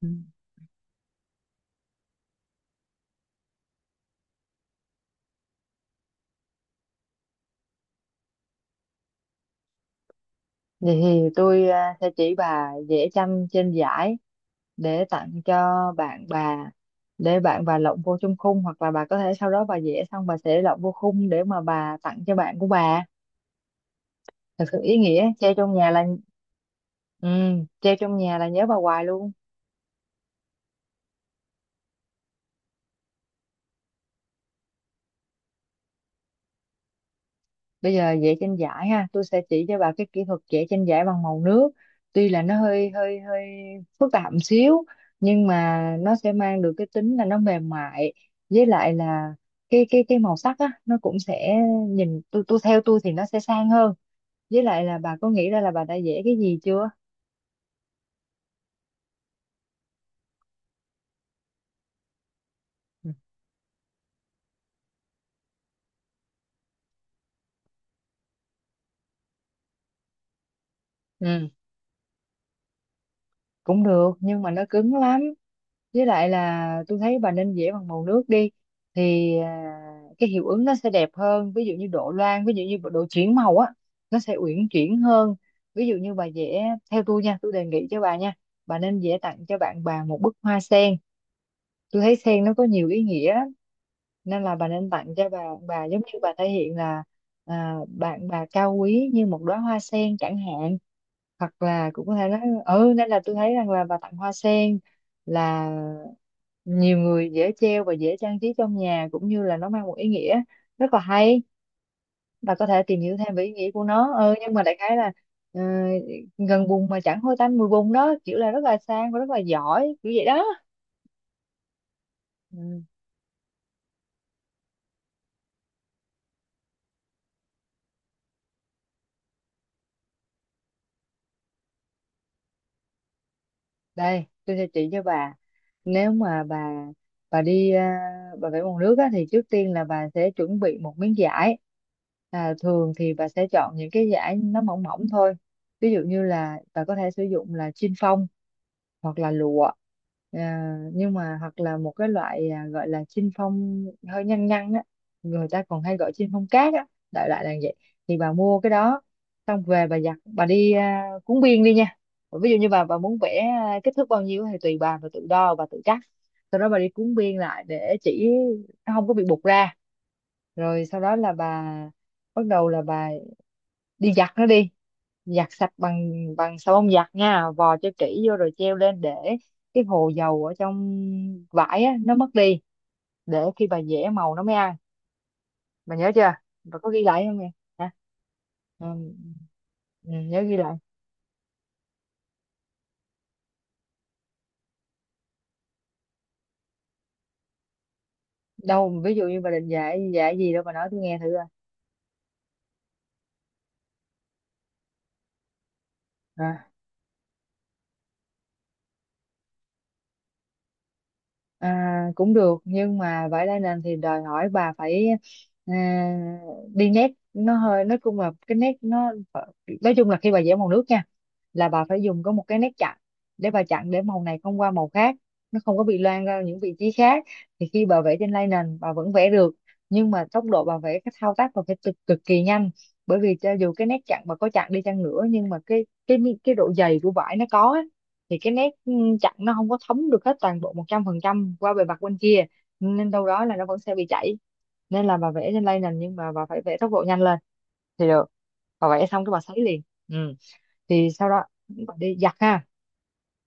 Ừ. Vậy thì tôi sẽ chỉ bà vẽ tranh trên giải để tặng cho bạn bà, để bạn bà lộng vô trong khung, hoặc là bà có thể sau đó bà vẽ xong bà sẽ lộng vô khung để mà bà tặng cho bạn của bà. Thật sự ý nghĩa, treo trong nhà là ừ, treo trong nhà là nhớ bà hoài luôn. Bây giờ vẽ tranh giải ha, tôi sẽ chỉ cho bà cái kỹ thuật vẽ tranh giải bằng màu nước. Tuy là nó hơi hơi hơi phức tạp một xíu, nhưng mà nó sẽ mang được cái tính là nó mềm mại, với lại là cái màu sắc á nó cũng sẽ nhìn, tôi theo tôi thì nó sẽ sang hơn. Với lại là bà có nghĩ ra là bà đã vẽ cái gì chưa? Ừ, cũng được nhưng mà nó cứng lắm, với lại là tôi thấy bà nên vẽ bằng màu nước đi. Thì cái hiệu ứng nó sẽ đẹp hơn, ví dụ như độ loang, ví dụ như độ chuyển màu á, nó sẽ uyển chuyển hơn. Ví dụ như bà vẽ theo tôi nha, tôi đề nghị cho bà nha, bà nên vẽ tặng cho bạn bà một bức hoa sen. Tôi thấy sen nó có nhiều ý nghĩa, nên là bà nên tặng cho bà giống như bà thể hiện là bạn bà cao quý như một đóa hoa sen chẳng hạn. Hoặc là cũng có thể nói ừ, nên là tôi thấy rằng là bà tặng hoa sen là nhiều người dễ treo và dễ trang trí trong nhà, cũng như là nó mang một ý nghĩa rất là hay. Bà có thể tìm hiểu thêm về ý nghĩa của nó nhưng mà đại khái là ờ, gần bùn mà chẳng hôi tanh mùi bùn đó, kiểu là rất là sang và rất là giỏi kiểu vậy đó. Ừ, đây tôi sẽ chỉ cho bà. Nếu mà bà bà đi à, bà vẽ bằng nước á, thì trước tiên là bà sẽ chuẩn bị một miếng vải. Thường thì bà sẽ chọn những cái vải nó mỏng mỏng thôi. Ví dụ như là bà có thể sử dụng là chin phong hoặc là lụa, nhưng mà hoặc là một cái loại gọi là chinh phong hơi nhăn nhăn á, người ta còn hay gọi chinh phong cát á, đại loại là vậy. Thì bà mua cái đó, xong về bà giặt, bà đi cuốn biên đi nha. Ví dụ như bà muốn vẽ kích thước bao nhiêu thì tùy bà tự đo bà tự cắt, sau đó bà đi cuốn biên lại để chỉ nó không có bị bục ra. Rồi sau đó là bà bắt đầu là bà đi giặt nó đi, giặt sạch bằng bằng xà bông giặt nha, vò cho kỹ vô rồi treo lên để cái hồ dầu ở trong vải á nó mất đi, để khi bà giẻ màu nó mới ăn. Bà nhớ chưa? Bà có ghi lại không nè? Hả? ừ, ừ, nhớ ghi lại. Đâu ví dụ như bà định dạy dạy gì đâu, bà nói tôi nghe thử coi. Ờ. À, cũng được, nhưng mà vải đa nền thì đòi hỏi bà phải à, đi nét nó hơi, nói chung là cái nét nó, nói chung là khi bà vẽ màu nước nha là bà phải dùng có một cái nét chặn, để bà chặn để màu này không qua màu khác, nó không có bị loang ra những vị trí khác. Thì khi bà vẽ trên lay nền bà vẫn vẽ được, nhưng mà tốc độ bà vẽ, cái thao tác bà phải cực, cực kỳ nhanh. Bởi vì cho dù cái nét chặn bà có chặn đi chăng nữa, nhưng mà cái cái độ dày của vải nó có á, thì cái nét chặn nó không có thấm được hết toàn bộ 100% qua bề mặt bên kia, nên đâu đó là nó vẫn sẽ bị chảy. Nên là bà vẽ trên lay nền nhưng mà bà phải vẽ tốc độ nhanh lên thì được. Bà vẽ xong cái bà sấy liền. Ừ, thì sau đó bà đi giặt ha,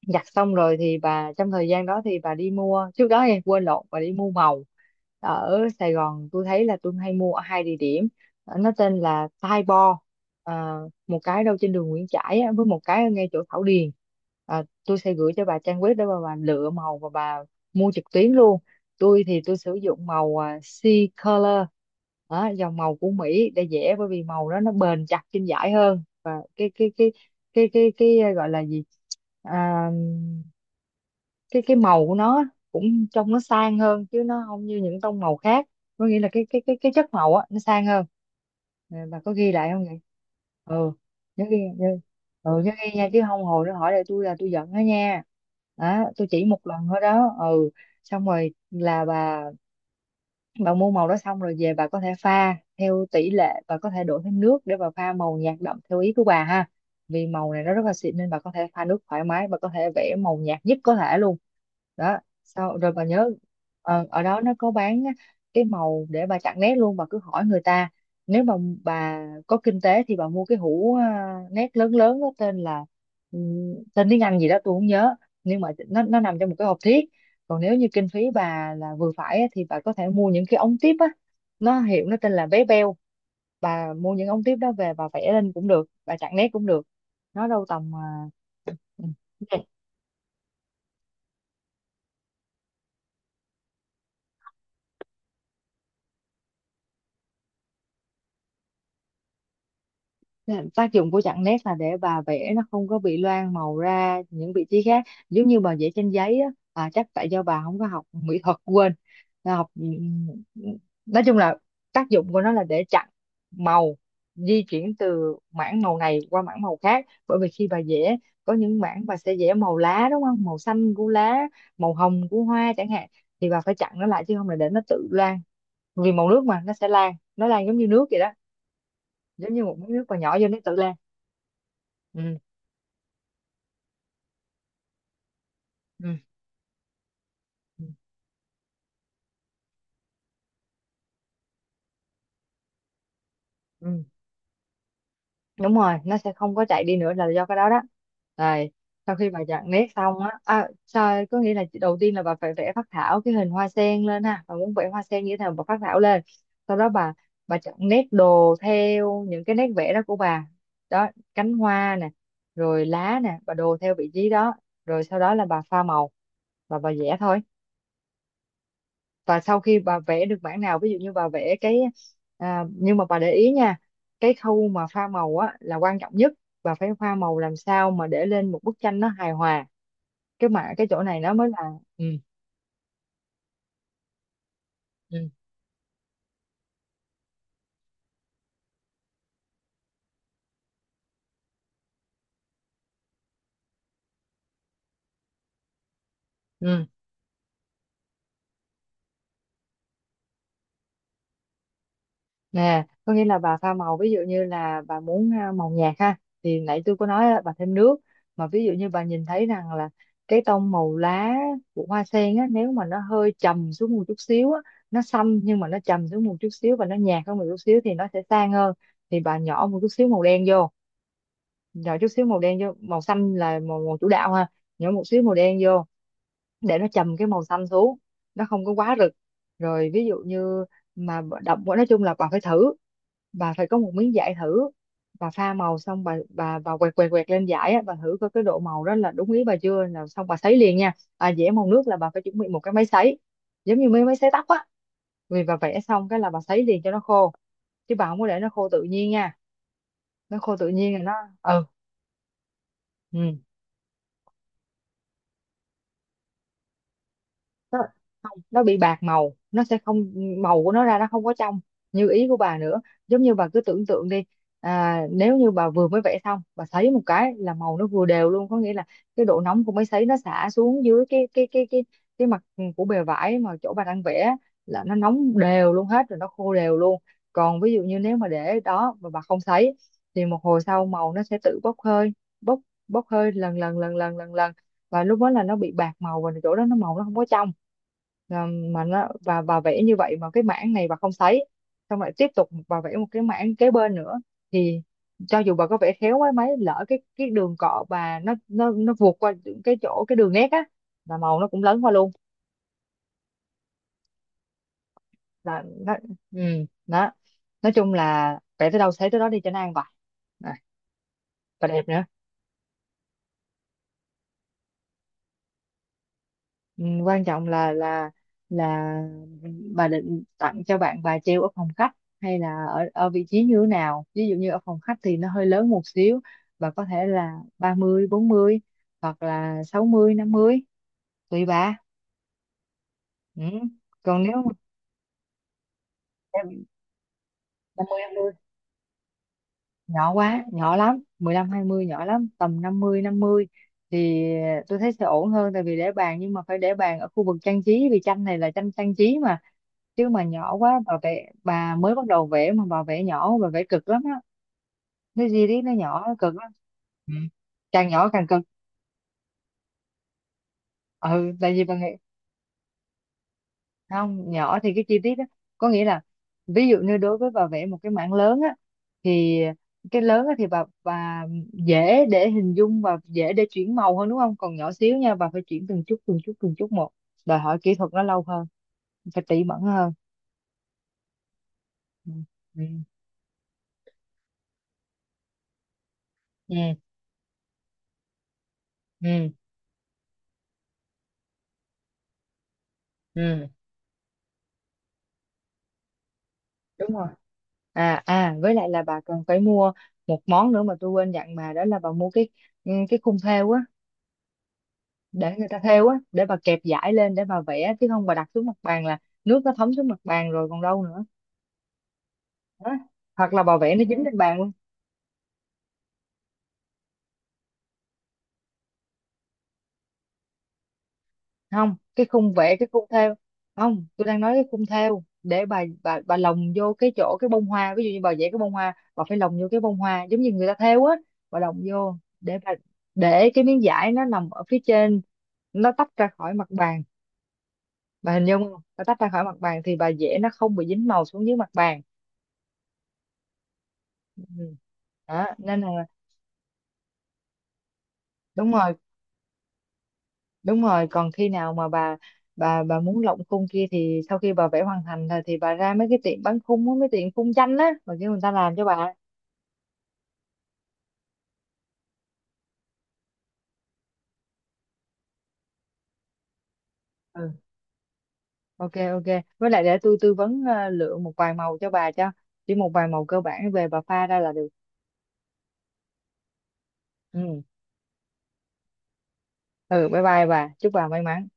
giặt xong rồi thì bà, trong thời gian đó thì bà đi mua, trước đó em quên lộn, bà đi mua màu. Ở Sài Gòn tôi thấy là tôi hay mua ở hai địa điểm. Ờ, nó tên là Tai Bo, à, một cái đâu trên đường Nguyễn Trãi á, với một cái ở ngay chỗ Thảo Điền. Tôi sẽ gửi cho bà trang web để bà lựa màu và bà mua trực tuyến luôn. Tôi thì tôi sử dụng màu Sea Color đó, dòng màu của Mỹ, để dễ bởi vì màu đó nó bền chặt trên vải hơn, và cái cái cái cái cái, cái gọi là gì, à, cái màu của nó cũng trông nó sang hơn chứ nó không như những tông màu khác. Có nghĩa là cái chất màu á nó sang hơn. Ờ, bà có ghi lại không vậy? Ừ, nhớ ghi nhớ, ừ, nhớ ghi nha chứ không hồi nó hỏi lại tôi là tôi giận đó nha. Đó, tôi chỉ một lần thôi đó. Ừ, xong rồi là bà mua màu đó xong rồi về bà có thể pha theo tỷ lệ, bà có thể đổ thêm nước để bà pha màu nhạt đậm theo ý của bà ha. Vì màu này nó rất là xịn nên bà có thể pha nước thoải mái, bà có thể vẽ màu nhạt nhất có thể luôn. Đó, sau rồi bà nhớ ở đó nó có bán á cái màu để bà chặn nét luôn, bà cứ hỏi người ta. Nếu mà bà có kinh tế thì bà mua cái hũ nét lớn lớn đó, tên là tên tiếng Anh gì đó tôi không nhớ, nhưng mà nó nằm trong một cái hộp thiếc. Còn nếu như kinh phí bà là vừa phải á, thì bà có thể mua những cái ống tiếp á, nó hiệu nó tên là vé beo. Bà mua những ống tiếp đó về bà vẽ lên cũng được, bà chặn nét cũng được. Nó đâu tầm ừ, ok. Dạ, tác dụng của chặn nét là để bà vẽ nó không có bị loang màu ra những vị trí khác, giống như bà vẽ trên giấy á. À, chắc tại do bà không có học mỹ thuật quên. Là học ừ, nói chung là tác dụng của nó là để chặn màu di chuyển từ mảng màu này qua mảng màu khác. Bởi vì khi bà vẽ có những mảng bà sẽ vẽ màu lá, đúng không, màu xanh của lá, màu hồng của hoa chẳng hạn, thì bà phải chặn nó lại chứ không là để nó tự loang. Vì màu nước mà, nó sẽ lan, nó lan giống như nước vậy đó, giống như một miếng nước mà nhỏ vô nó tự lan. ừ, ừ, ừ, ừ, đúng rồi, nó sẽ không có chạy đi nữa là do cái đó đó. Rồi sau khi bà chặn nét xong á, sao có nghĩa là đầu tiên là bà phải vẽ phác thảo cái hình hoa sen lên ha, bà muốn vẽ hoa sen như thế nào bà phác thảo lên, sau đó bà chọn nét đồ theo những cái nét vẽ đó của bà. Đó, cánh hoa nè, rồi lá nè, bà đồ theo vị trí đó. Rồi sau đó là bà pha màu và bà vẽ thôi. Và sau khi bà vẽ được bản nào, ví dụ như bà vẽ cái, nhưng mà bà để ý nha, cái khâu mà pha màu á là quan trọng nhất. Bà phải pha màu làm sao mà để lên một bức tranh nó hài hòa, cái mà cái chỗ này nó mới là ừ ừ ừ nè có nghĩa là bà pha màu ví dụ như là bà muốn màu nhạt ha, thì nãy tôi có nói á, bà thêm nước. Mà ví dụ như bà nhìn thấy rằng là cái tông màu lá của hoa sen á, nếu mà nó hơi trầm xuống một chút xíu á, nó xanh nhưng mà nó trầm xuống một chút xíu và nó nhạt hơn một chút xíu thì nó sẽ sang hơn, thì bà nhỏ một chút xíu màu đen vô. Nhỏ chút xíu màu đen vô, màu xanh là màu, màu chủ đạo ha, nhỏ một xíu màu đen vô để nó trầm cái màu xanh xuống, nó không có quá rực. Rồi ví dụ như mà bà đậm quá, nói chung là bà phải thử, bà phải có một miếng vải thử. Bà pha màu xong bà bà quẹt quẹt quẹt lên vải á, Bà thử coi cái độ màu đó là đúng ý bà chưa, là xong bà sấy liền nha. À, vẽ màu nước là bà phải chuẩn bị một cái máy sấy, giống như mấy máy sấy tóc á. Vì bà vẽ xong cái là bà sấy liền cho nó khô, chứ bà không có để nó khô tự nhiên nha. Nó khô tự nhiên là nó... Ừ. Ừ. Nó không, nó bị bạc màu, nó sẽ không màu của nó ra, nó không có trong như ý của bà nữa. Giống như bà cứ tưởng tượng đi. À, nếu như bà vừa mới vẽ xong bà sấy một cái là màu nó vừa đều luôn, có nghĩa là cái độ nóng của máy sấy nó xả xuống dưới cái mặt của bề vải mà chỗ bà đang vẽ là nó nóng đều luôn hết rồi nó khô đều luôn. Còn ví dụ như nếu mà để đó mà bà không sấy thì một hồi sau màu nó sẽ tự bốc hơi, bốc bốc hơi lần lần lần lần lần lần, và lúc đó là nó bị bạc màu và chỗ đó nó màu nó không có trong, là mà nó và bà vẽ như vậy mà cái mảng này bà không thấy, xong lại tiếp tục bà vẽ một cái mảng kế bên nữa. Thì cho dù bà có vẽ khéo quá mấy lỡ cái đường cọ bà nó vượt qua cái chỗ cái đường nét á, là màu nó cũng lấn qua luôn. Là nó... Ừ, đó. Nói chung là vẽ tới đâu thấy tới đó đi cho nó an bài. À, và đẹp nữa. Ừ, quan trọng là là bà định tặng cho bạn bà treo ở phòng khách hay là ở ở vị trí như thế nào, ví dụ như ở phòng khách thì nó hơi lớn một xíu, bà có thể là 30 40, hoặc là 60 50, tùy bà. Ừ. Còn nếu mà em 50 50. Nhỏ quá, nhỏ lắm 15 20 nhỏ lắm, tầm 50 50 thì tôi thấy sẽ ổn hơn, tại vì để bàn nhưng mà phải để bàn ở khu vực trang trí vì tranh này là tranh trang trí. Chứ mà nhỏ quá, bà vẽ bà mới bắt đầu vẽ mà bà vẽ nhỏ bà vẽ cực lắm á, cái gì đấy nó nhỏ nó cực lắm. Ừ. Càng nhỏ càng cực. Ừ, tại vì bà nghĩ không nhỏ thì cái chi tiết đó có nghĩa là, ví dụ như đối với bà vẽ một cái mảng lớn á, thì cái lớn á thì bà dễ để hình dung và dễ để chuyển màu hơn đúng không, còn nhỏ xíu nha bà phải chuyển từng chút từng chút từng chút một, đòi hỏi kỹ thuật nó lâu hơn, phải tỉ mẩn hơn. Ừ. Ừ. Ừ, ừ. Ừ. Đúng rồi. Với lại là bà còn phải mua một món nữa mà tôi quên dặn bà, đó là bà mua cái... Ừ, cái khung thêu á, để người ta thêu á, để bà kẹp dải lên để bà vẽ, chứ không bà đặt xuống mặt bàn là nước nó thấm xuống mặt bàn rồi còn đâu nữa. Đó. Hoặc là bà vẽ nó dính lên bàn luôn. Không, cái khung vẽ, cái khung thêu. Không, tôi đang nói cái khung thêu để bà lồng vô cái chỗ cái bông hoa, ví dụ như bà vẽ cái bông hoa bà phải lồng vô cái bông hoa giống như người ta thêu á, bà lồng vô để bà để cái miếng vải nó nằm ở phía trên, nó tách ra khỏi mặt bàn. Bà hình dung không, bà tách ra khỏi mặt bàn thì bà vẽ nó không bị dính màu xuống dưới mặt bàn. Ừ. Ừ. Đó nên là... Đúng rồi. Đúng rồi, còn khi nào mà bà bà muốn lộng khung kia thì sau khi bà vẽ hoàn thành rồi thì bà ra mấy cái tiệm bán khung á, mấy tiệm khung tranh á và kêu người ta làm cho bà. Ừ. Ok ok. Với lại để tôi tư vấn lựa một vài màu cho bà, cho chỉ một vài màu cơ bản về bà pha ra là được. Ừ. Ừ, bye bye bà, chúc bà may mắn.